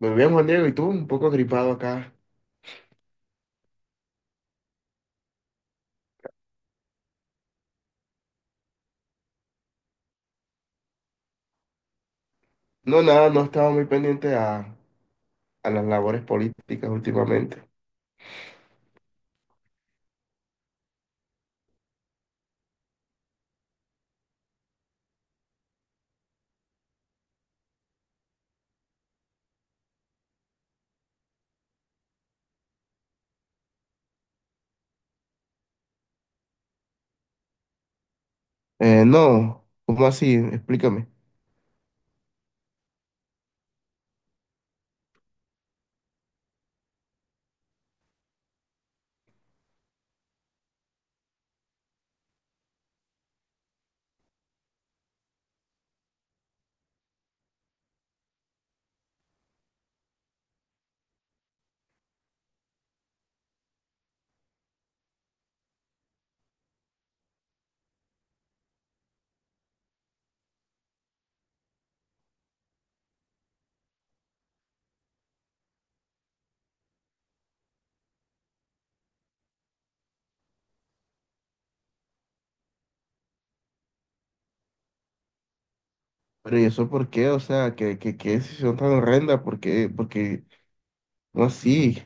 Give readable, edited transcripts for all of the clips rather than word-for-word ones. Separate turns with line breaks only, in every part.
Muy bien, Juan Diego, y tú, un poco gripado acá. No, nada, no he estado muy pendiente a las labores políticas últimamente. No, ¿cómo así? Explícame. Pero ¿y eso por qué? O sea, ¿qué decisión tan horrenda? ¿Por qué? Porque, no así,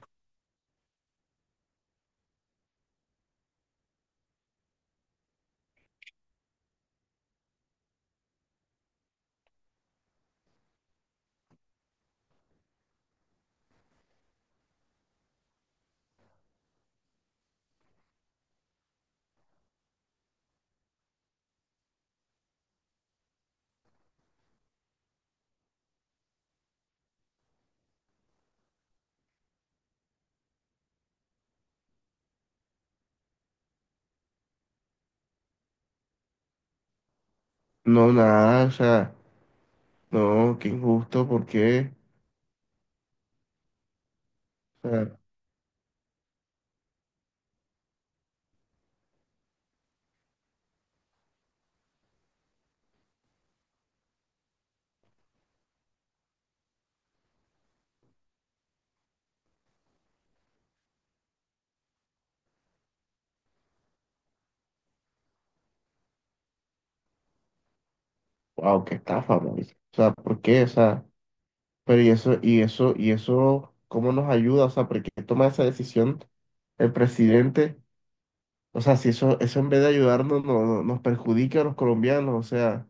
no, nada, o sea, no, qué injusto, ¿por qué? O sea, wow, qué estafa, marica. O sea, ¿por qué? O sea, pero ¿y eso, cómo nos ayuda? O sea, ¿por qué toma esa decisión el presidente? O sea, si eso en vez de ayudarnos nos perjudica a los colombianos, o sea,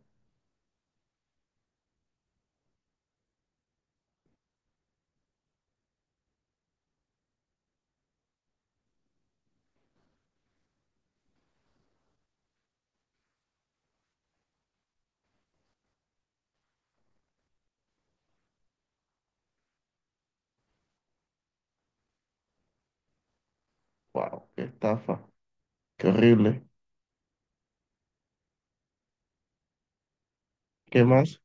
wow, qué estafa, qué horrible. ¿Qué más?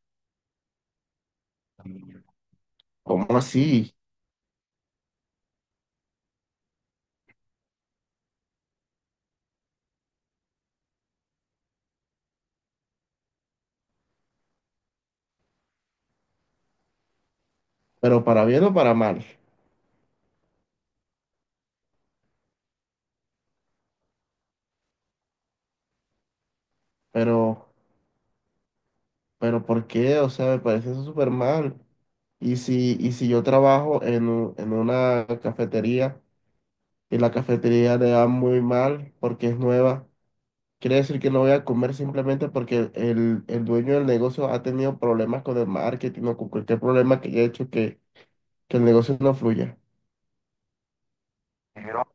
¿Cómo así? Pero para bien o para mal. Pero, pero ¿por qué? O sea, me parece eso súper mal. Y si yo trabajo en una cafetería y la cafetería le va muy mal porque es nueva, quiere decir que no voy a comer simplemente porque el dueño del negocio ha tenido problemas con el marketing o con cualquier problema que haya hecho que el negocio no fluya. Pero,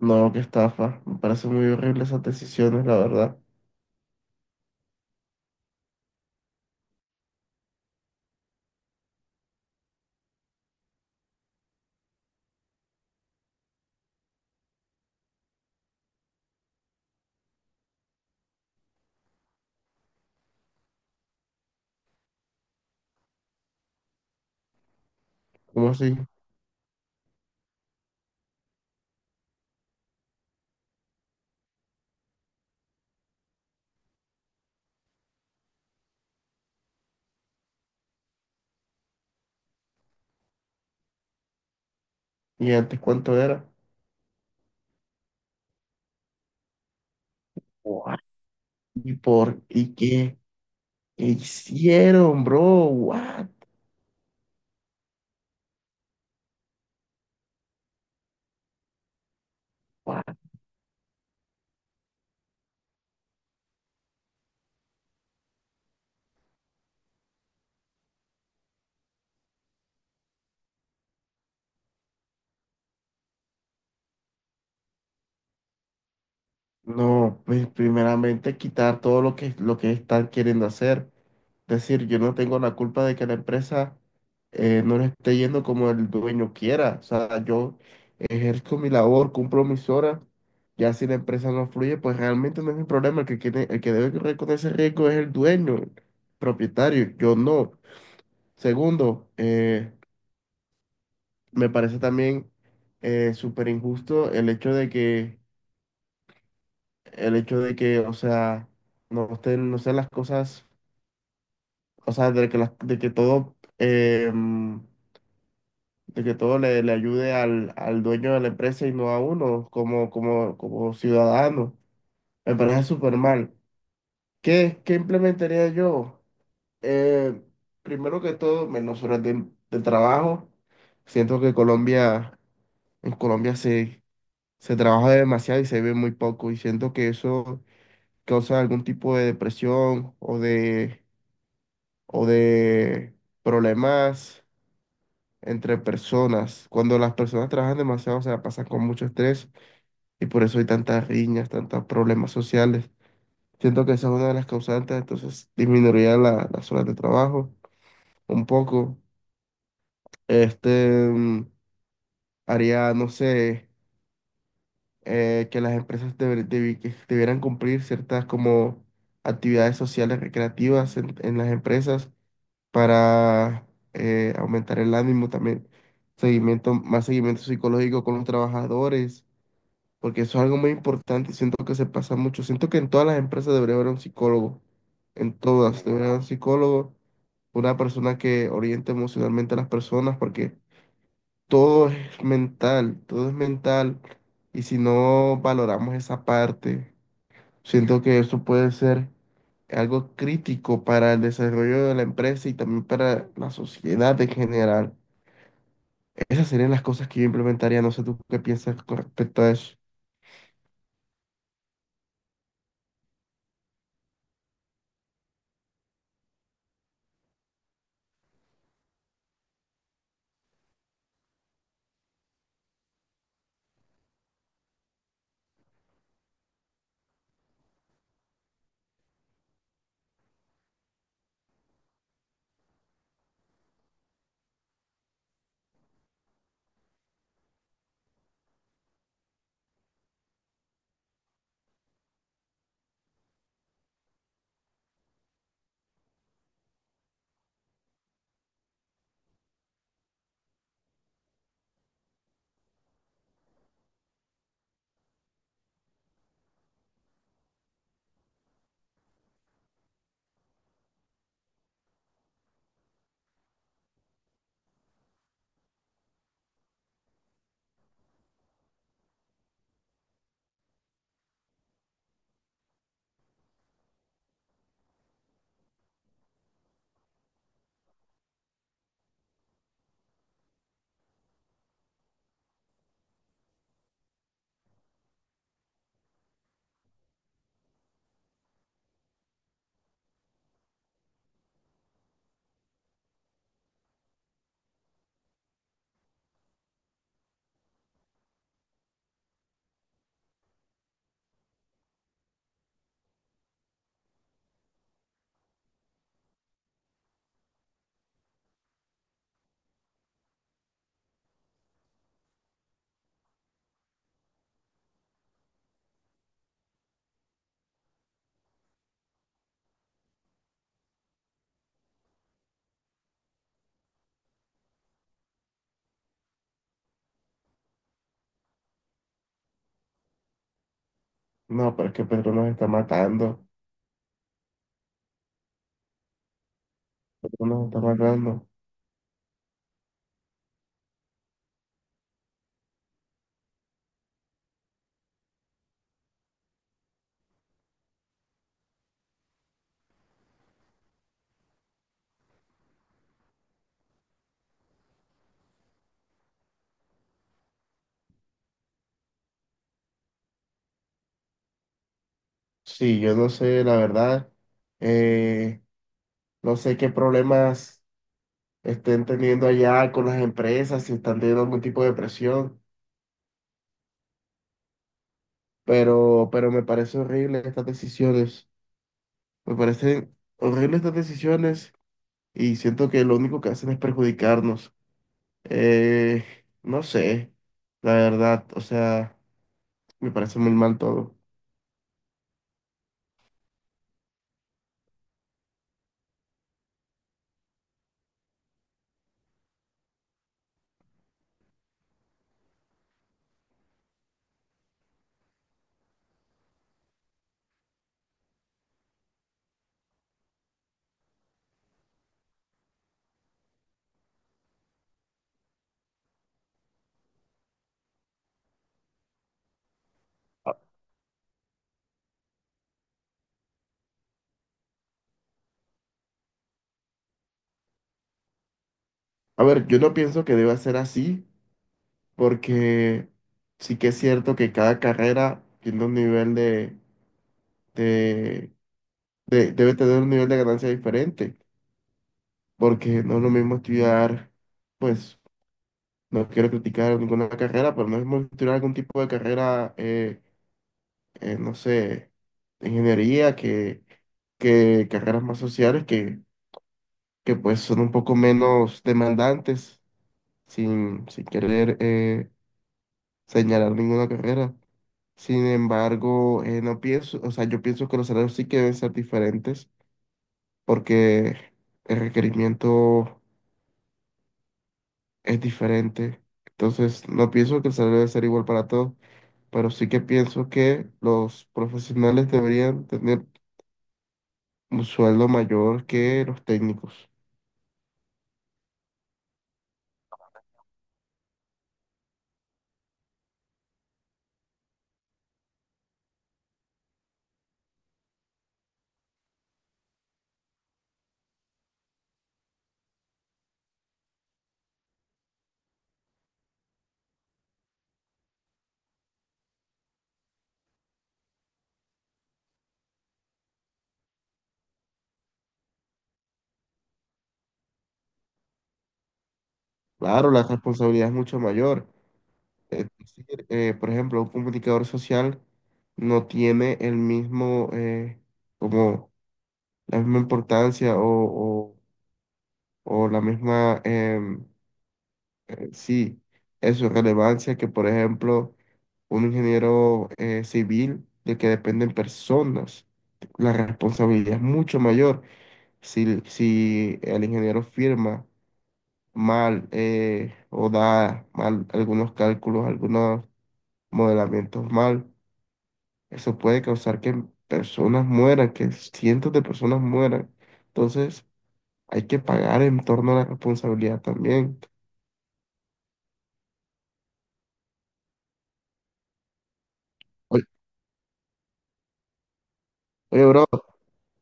No, qué estafa. Me parecen muy horribles esas decisiones, la verdad. ¿Cómo así? ¿Y antes cuánto era? What? ¿Y por y qué? ¿Qué hicieron, bro? What? No, pues primeramente quitar todo lo que están queriendo hacer. Es decir, yo no tengo la culpa de que la empresa no le esté yendo como el dueño quiera. O sea, yo ejerzo mi labor, cumplo mis horas. Ya si la empresa no fluye, pues realmente no es mi problema. El que tiene, el que debe correr con ese riesgo es el dueño, el propietario, yo no. Segundo, me parece también súper injusto el hecho de que, o sea, no estén, no sean las cosas, o sea, de que todo le ayude al dueño de la empresa y no a uno como ciudadano. Me parece súper mal. ¿Qué implementaría yo? Eh, primero que todo, menos horas de trabajo. Siento que en Colombia se trabaja demasiado y se ve muy poco, y siento que eso causa algún tipo de depresión o de problemas entre personas. Cuando las personas trabajan demasiado, o sea, pasan con mucho estrés, y por eso hay tantas riñas, tantos problemas sociales. Siento que esa es una de las causantes, entonces disminuiría las horas de trabajo un poco. Este mm, haría, no sé, que las empresas deber- debi- que debieran cumplir ciertas como actividades sociales recreativas en las empresas para aumentar el ánimo también, seguimiento, más seguimiento psicológico con los trabajadores, porque eso es algo muy importante y siento que se pasa mucho. Siento que en todas las empresas debería haber un psicólogo, en todas debería haber un psicólogo, una persona que oriente emocionalmente a las personas, porque todo es mental, y si no valoramos esa parte. Siento que eso puede ser algo crítico para el desarrollo de la empresa y también para la sociedad en general. Esas serían las cosas que yo implementaría. No sé tú qué piensas con respecto a eso. No, pero es que Pedro nos está matando. Pedro nos está matando. Sí, yo no sé, la verdad. eh, no sé qué problemas estén teniendo allá con las empresas, si están teniendo algún tipo de presión, pero me parece horrible estas decisiones. Me parecen horribles estas decisiones y siento que lo único que hacen es perjudicarnos. Eh, no sé, la verdad, o sea, me parece muy mal todo. A a ver, yo no pienso que deba ser así, porque sí que es cierto que cada carrera tiene un nivel de, debe tener un nivel de ganancia diferente, porque no es lo mismo estudiar, pues, no quiero criticar ninguna carrera, pero no es lo mismo estudiar algún tipo de carrera no sé, de ingeniería, que carreras más sociales que pues son un poco menos demandantes, sin querer señalar ninguna carrera. Sin embargo, no pienso, o sea, yo pienso que los salarios sí que deben ser diferentes porque el requerimiento es diferente. Entonces, no pienso que el salario debe ser igual para todos, pero sí que pienso que los profesionales deberían tener un sueldo mayor que los técnicos. Claro, la responsabilidad es mucho mayor. Es decir, por ejemplo, un comunicador social no tiene el mismo, como la misma importancia o la misma, sí, eso, relevancia que, por ejemplo, un ingeniero civil de que dependen personas. La responsabilidad es mucho mayor. Si el ingeniero firma mal, o da mal algunos cálculos, algunos modelamientos mal. Eso puede causar que personas mueran, que cientos de personas mueran. Entonces, hay que pagar en torno a la responsabilidad también. Oye, oye, bro,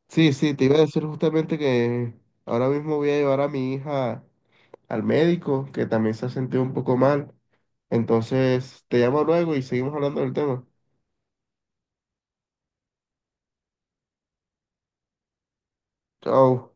sí, sí, te iba a decir justamente que ahora mismo voy a llevar a mi hija al médico, que también se ha sentido un poco mal. Entonces, te llamo luego y seguimos hablando del tema. Chao.